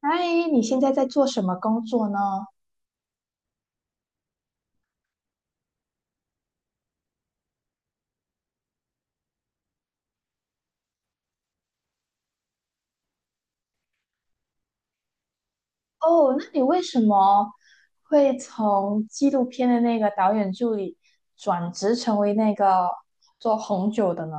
嗨，你现在在做什么工作呢？哦，那你为什么会从纪录片的那个导演助理转职成为那个做红酒的呢？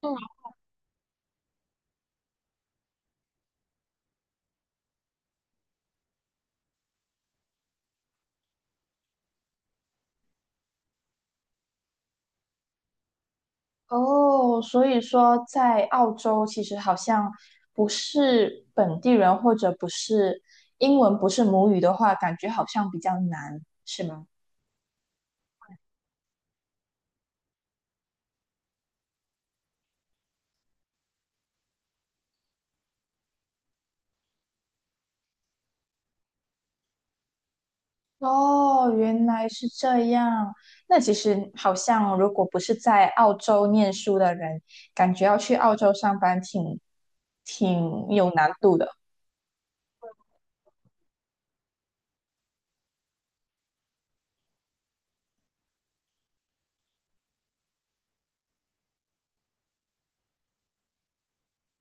嗯，哦，所以说在澳洲其实好像不是本地人或者不是英文不是母语的话，感觉好像比较难，是吗？哦，原来是这样。那其实好像，如果不是在澳洲念书的人，感觉要去澳洲上班挺有难度的。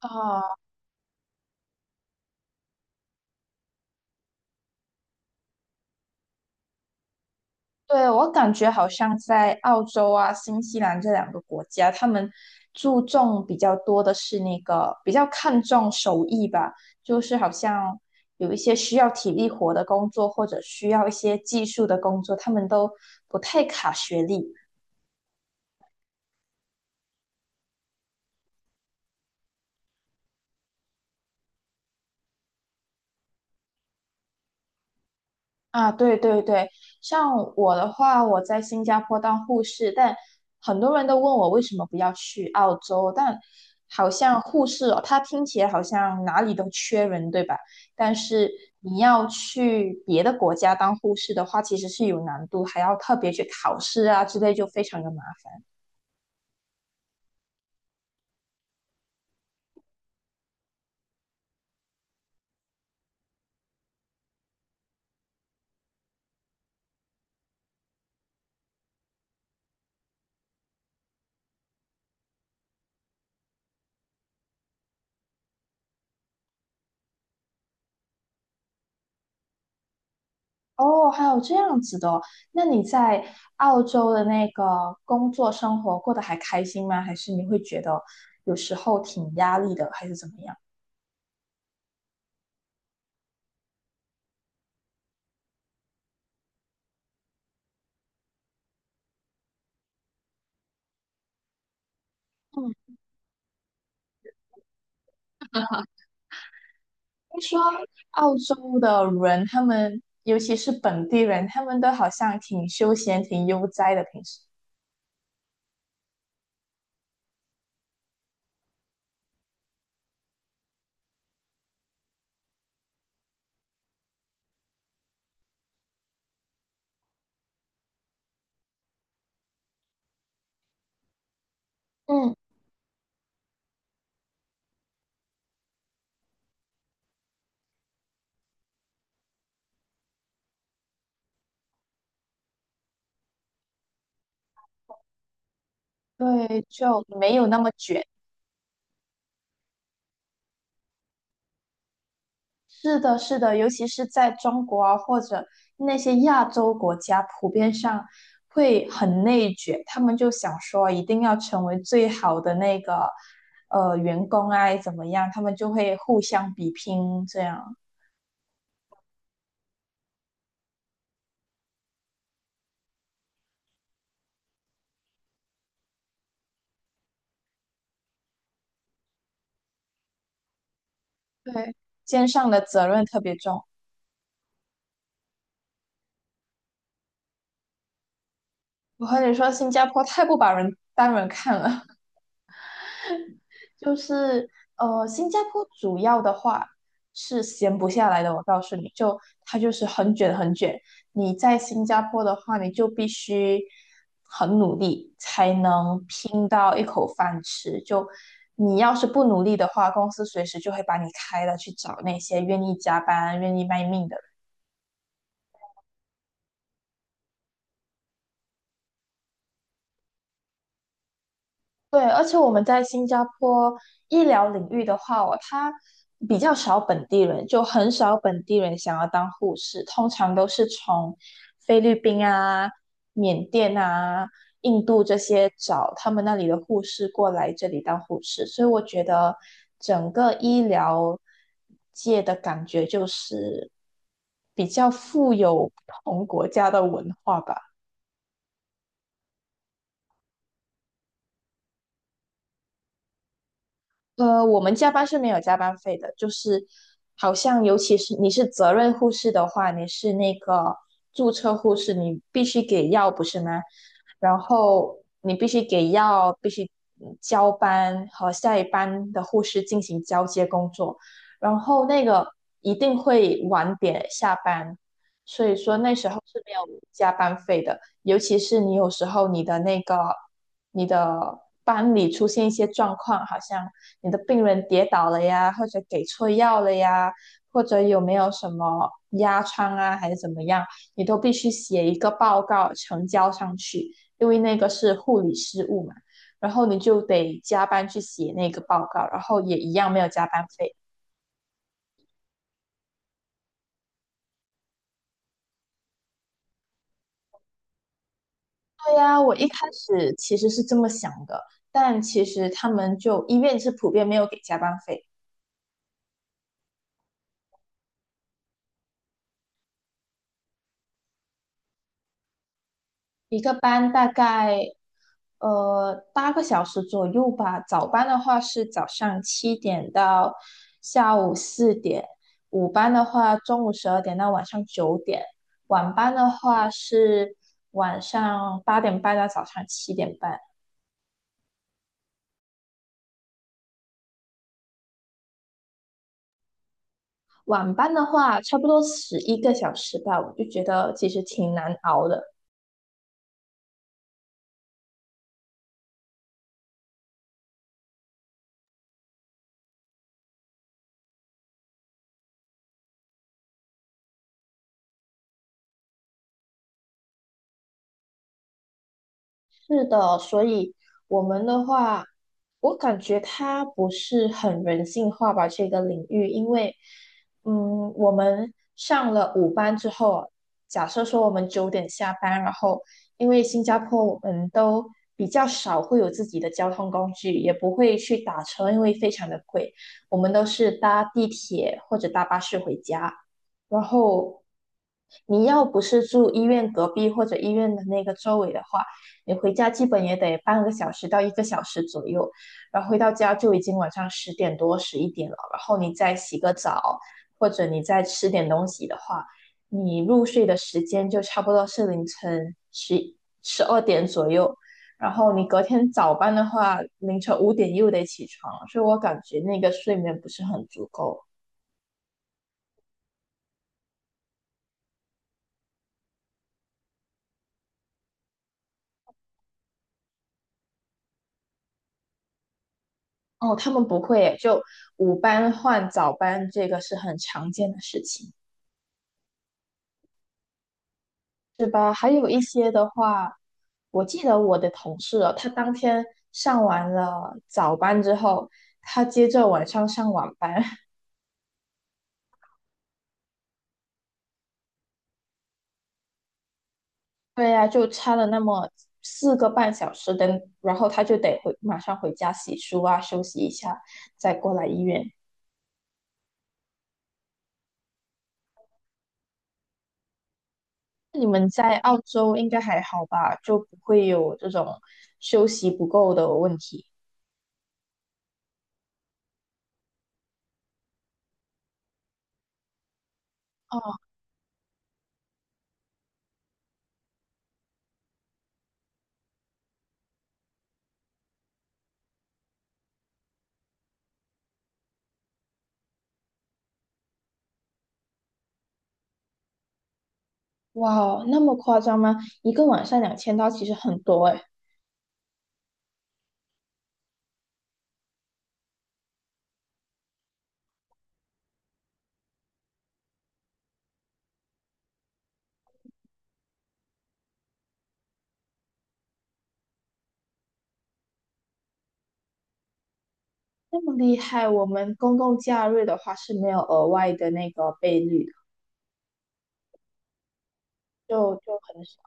啊。对，我感觉好像在澳洲啊、新西兰这两个国家，他们注重比较多的是那个比较看重手艺吧，就是好像有一些需要体力活的工作，或者需要一些技术的工作，他们都不太卡学历。啊，对对对，像我的话，我在新加坡当护士，但很多人都问我为什么不要去澳洲，但好像护士哦，它听起来好像哪里都缺人，对吧？但是你要去别的国家当护士的话，其实是有难度，还要特别去考试啊之类，就非常的麻烦。哦，还有这样子的哦，那你在澳洲的那个工作生活过得还开心吗？还是你会觉得有时候挺压力的，还是怎么样？嗯，听说澳洲的人，他们尤其是本地人，他们都好像挺休闲、挺悠哉的，平时。嗯，对，就没有那么卷。是的，是的，尤其是在中国啊，或者那些亚洲国家，普遍上会很内卷，他们就想说一定要成为最好的那个员工啊，怎么样？他们就会互相比拼，这样对。肩上的责任特别重。我和你说，新加坡太不把人当人看了。就是新加坡主要的话是闲不下来的。我告诉你就，它就是很卷很卷。你在新加坡的话，你就必须很努力才能拼到一口饭吃。就你要是不努力的话，公司随时就会把你开了，去找那些愿意加班、愿意卖命的。对，而且我们在新加坡医疗领域的话哦，它比较少本地人，就很少本地人想要当护士，通常都是从菲律宾啊、缅甸啊、印度这些找他们那里的护士过来这里当护士，所以我觉得整个医疗界的感觉就是比较富有不同国家的文化吧。我们加班是没有加班费的，就是好像尤其是你是责任护士的话，你是那个注册护士，你必须给药，不是吗？然后你必须给药，必须交班和下一班的护士进行交接工作，然后那个一定会晚点下班，所以说那时候是没有加班费的。尤其是你有时候你的班里出现一些状况，好像你的病人跌倒了呀，或者给错药了呀，或者有没有什么压疮啊，还是怎么样，你都必须写一个报告呈交上去，因为那个是护理失误嘛。然后你就得加班去写那个报告，然后也一样没有加班费。对呀，我一开始其实是这么想的，但其实他们就医院是普遍没有给加班费。一个班大概8个小时左右吧。早班的话是早上七点到下午4点，午班的话中午12点到晚上9点，晚班的话是晚上8点半到早上7点半。晚班的话，差不多11个小时吧，我就觉得其实挺难熬的。是的，所以我们的话，我感觉它不是很人性化吧，这个领域，因为，嗯，我们上了五班之后，假设说我们九点下班，然后因为新加坡我们都比较少会有自己的交通工具，也不会去打车，因为非常的贵，我们都是搭地铁或者搭巴士回家。然后你要不是住医院隔壁或者医院的那个周围的话，你回家基本也得半个小时到一个小时左右，然后回到家就已经晚上10点多、11点了，然后你再洗个澡，或者你再吃点东西的话，你入睡的时间就差不多是凌晨十二点左右。然后你隔天早班的话，凌晨5点又得起床，所以我感觉那个睡眠不是很足够。哦，他们不会耶就午班换早班，这个是很常见的事情，是吧？还有一些的话，我记得我的同事哦，他当天上完了早班之后，他接着晚上上晚班，对呀，就差了那么4个半小时，的，然后他就得回马上回家洗漱啊，休息一下，再过来医院。你们在澳洲应该还好吧？就不会有这种休息不够的问题。哦。哇哦，那么夸张吗？一个晚上2000刀其实很多诶，那么厉害。我们公共假日的话是没有额外的那个倍率的，就很少。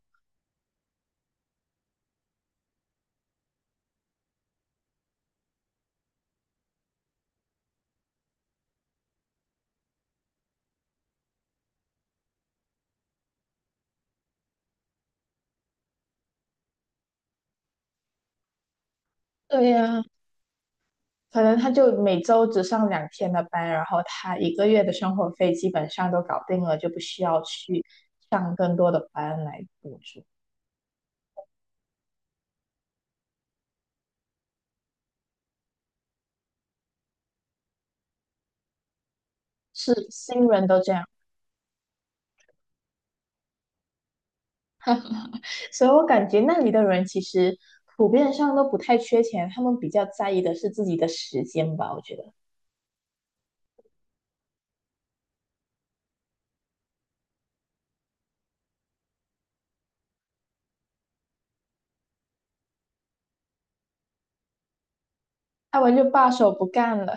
对呀，可能他就每周只上2天的班，然后他一个月的生活费基本上都搞定了，就不需要去上更多的班来补助。是新人都这样，所以我感觉那里的人其实普遍上都不太缺钱，他们比较在意的是自己的时间吧，我觉得。他们就罢手不干了。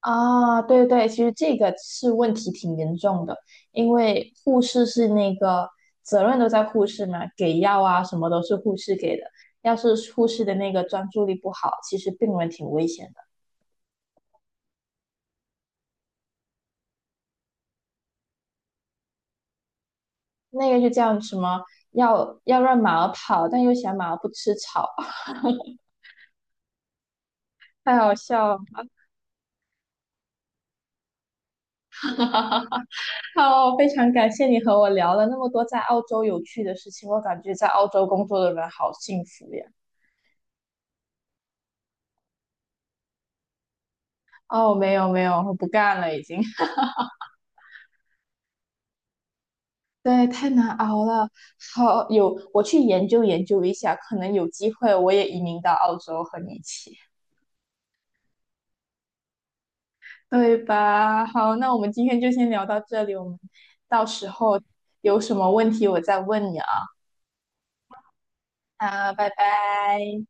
啊，对对，其实这个是问题挺严重的，因为护士是那个责任都在护士嘛，给药啊什么都是护士给的。要是护士的那个专注力不好，其实病人挺危险的。那个就叫什么要让马儿跑，但又嫌马儿不吃草，太好笑了。好，非常感谢你和我聊了那么多在澳洲有趣的事情，我感觉在澳洲工作的人好幸福呀。哦，没有没有，我不干了已经。对，太难熬了。好，有，我去研究研究一下，可能有机会我也移民到澳洲和你一起，对吧？好，那我们今天就先聊到这里，我们到时候有什么问题我再问你啊。啊，拜拜。